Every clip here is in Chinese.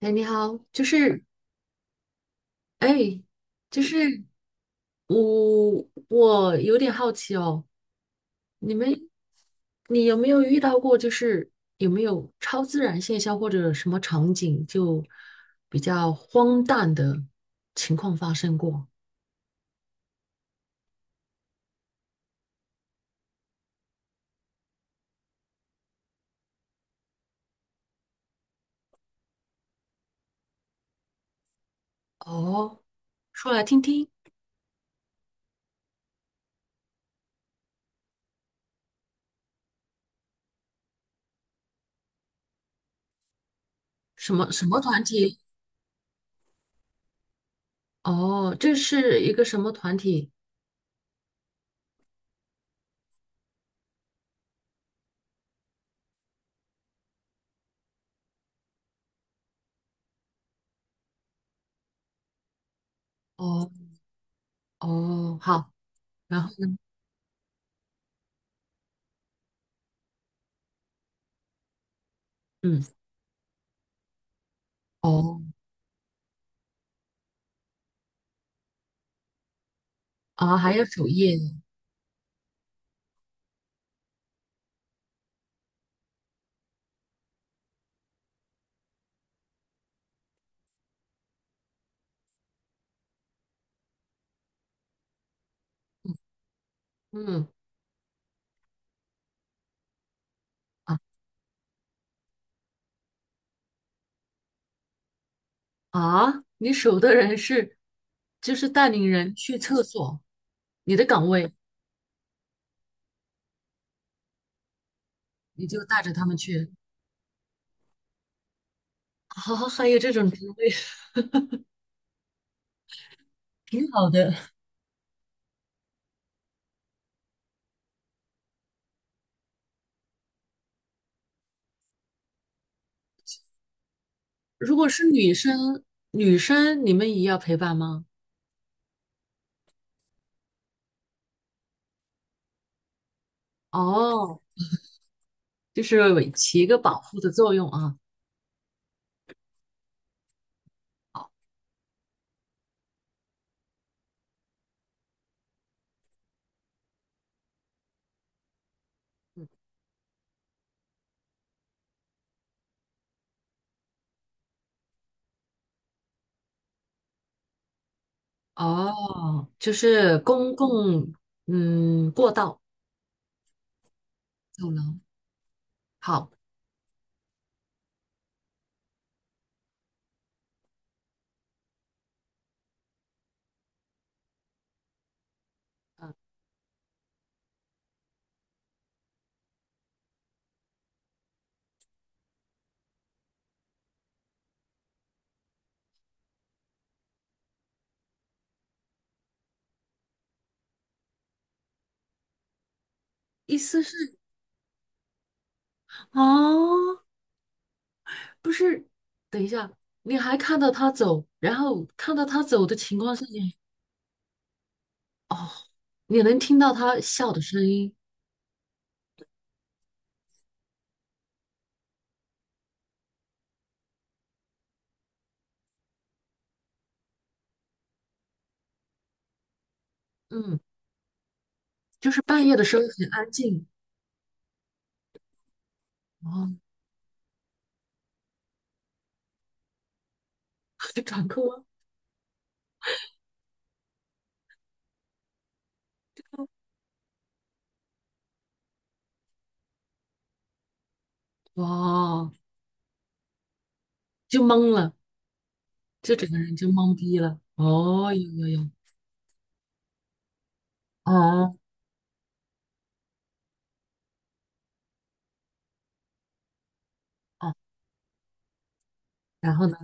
哎，你好，就是，哎，就是我有点好奇哦，你们，你有没有遇到过，就是有没有超自然现象或者什么场景就比较荒诞的情况发生过？哦，说来听听，什么什么团体？哦，这是一个什么团体？哦哦，好，然后嗯，哦啊，还有首页，嗯。啊。啊，你守的人是，就是带领人去厕所，你的岗位你就带着他们去。啊，还有这种职位，挺好的。如果是女生，你们也要陪伴吗？哦，就是起一个保护的作用啊。好哦，就是公共过道走廊。好，嗯，意思是哦，不是，等一下，你还看到他走，然后看到他走的情况下，哦，你能听到他笑的声音，嗯，就是半夜的时候很安静，哦，转过弯，哇，就懵了，就整个人就懵逼了，哦，有有有，哦哦，然后呢，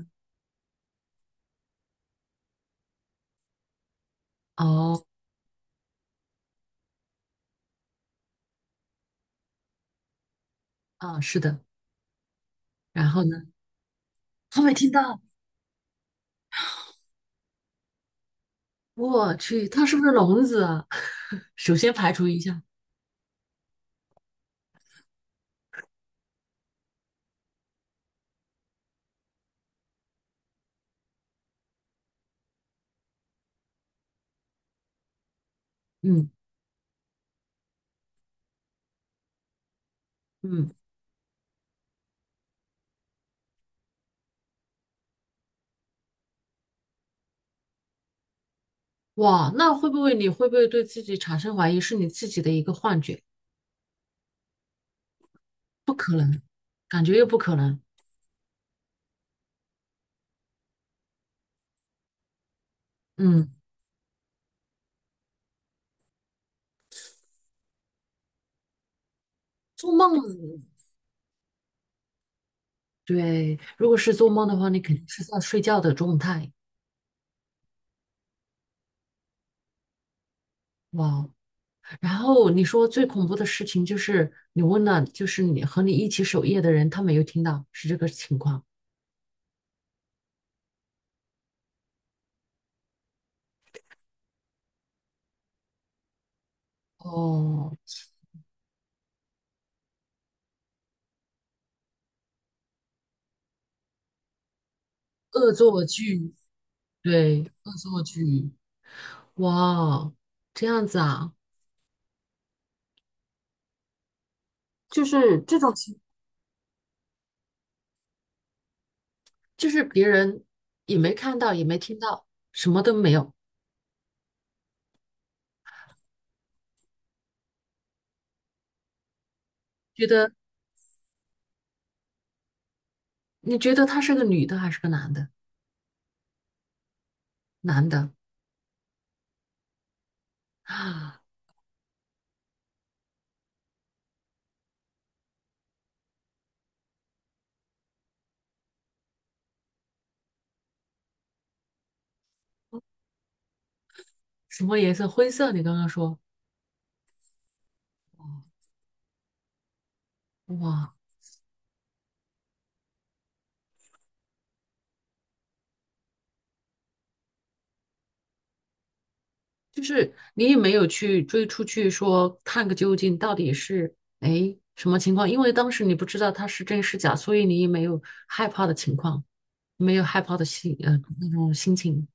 哦啊，是的，然后呢，他没听到，我去，他是不是聋子啊？首先排除一下，嗯嗯。哇，那会不会你会不会对自己产生怀疑，是你自己的一个幻觉？不可能，感觉又不可能。嗯，做梦，对，如果是做梦的话，你肯定是在睡觉的状态。哇哦，然后你说最恐怖的事情就是你问了，就是你和你一起守夜的人，他没有听到，是这个情况。哦，恶作剧，对，恶作剧。哇哦，这样子啊，就是这种情就是别人也没看到，也没听到，什么都没有。觉得你觉得他是个女的还是个男的？男的啊，什么颜色？灰色。你刚刚说，哇，就是你也没有去追出去说看个究竟，到底是哎什么情况？因为当时你不知道他是真是假，所以你也没有害怕的情况，没有害怕的那种心情。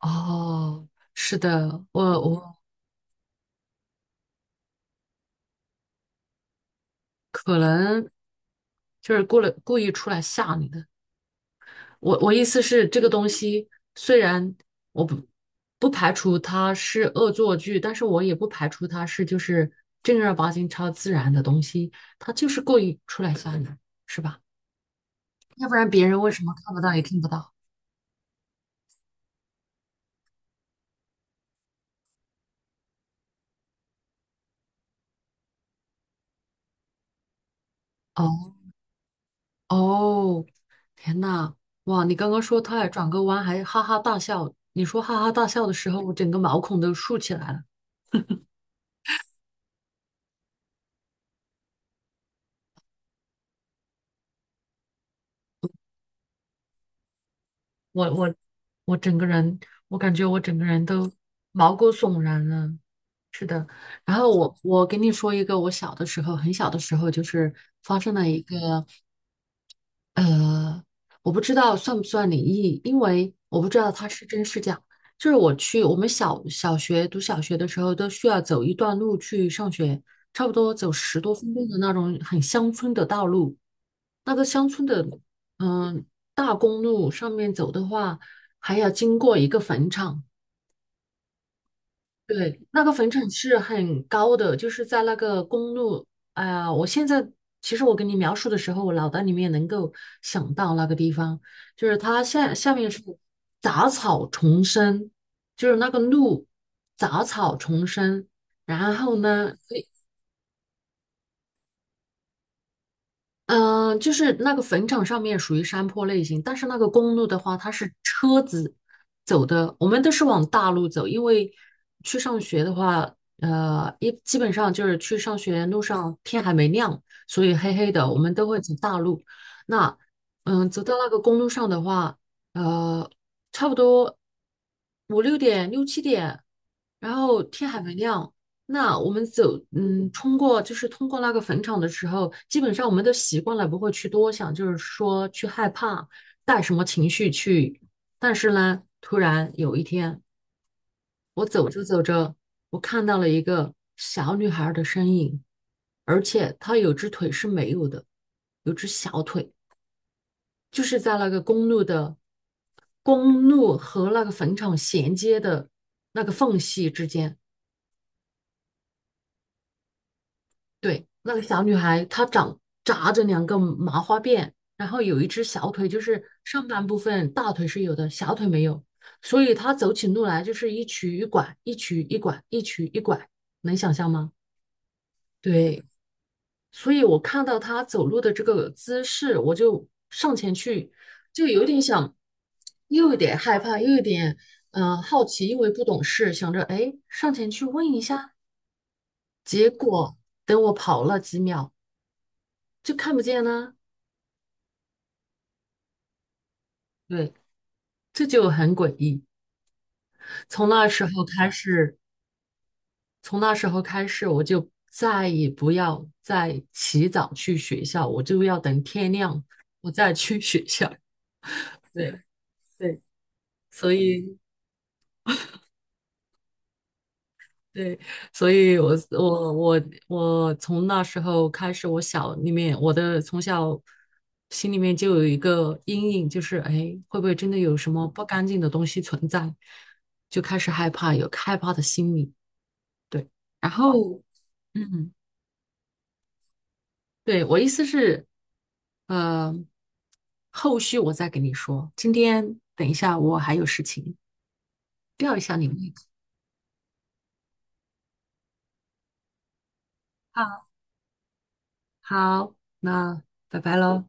哦，是的，我可能就是过了故意出来吓你的。我意思是，这个东西虽然我不排除它是恶作剧，但是我也不排除它是就是正儿八经超自然的东西，它就是故意出来吓你，是吧？要不然别人为什么看不到也听不到？哦哦，天呐，哇！你刚刚说他还转个弯还哈哈大笑，你说哈哈大笑的时候，我整个毛孔都竖起来了，我我我整个人，我感觉我整个人都毛骨悚然了。然后我跟你说一个我小的时候很小的时候就是发生了一个呃，我不知道算不算灵异，因为我不知道它是真是假。就是我们小学读小学的时候都需要走一段路去上学，差不多走10多分钟的那种很乡村的道路。那个乡村的嗯、大公路上面走的话，还要经过一个坟场。对，那个坟场是很高的，就是在那个公路。哎呀，我现在其实我跟你描述的时候，我脑袋里面能够想到那个地方，就是它下面是杂草丛生，就是那个路杂草丛生，然后呢，就是那个坟场上面属于山坡类型，但是那个公路的话，它是车子走的，我们都是往大路走，因为去上学的话，基本上就是去上学路上天还没亮，所以黑黑的，我们都会走大路。那走到那个公路上的话，呃，差不多5、6点、6、7点，然后天还没亮，那我们走，就是通过那个坟场的时候，基本上我们都习惯了，不会去多想，就是说去害怕，带什么情绪去。但是呢，突然有一天，我走着走着，我看到了一个小女孩的身影，而且她有只腿是没有的，有只小腿，就是在公路和那个坟场衔接的那个缝隙之间。对，那个小女孩她长扎着两个麻花辫，然后有一只小腿，就是上半部分大腿是有的，小腿没有，所以她走起路来就是一瘸一拐，一瘸一拐，一瘸一拐，能想象吗？对，所以我看到她走路的这个姿势，我就上前去，就有点想，又有点害怕，又有点好奇，因为不懂事，想着哎上前去问一下，结果等我跑了几秒就看不见了。对，这就很诡异。从那时候开始，从那时候开始，我就再也不要再起早去学校，我就要等天亮我再去学校。对 对，所以对，所以我从那时候开始，我小里面我的从小心里面就有一个阴影，就是哎，会不会真的有什么不干净的东西存在？就开始害怕，有害怕的心理。对。然后嗯，对，我意思是，呃，后续我再给你说。今天等一下，我还有事情，吊一下你胃口。好，好，那拜拜喽。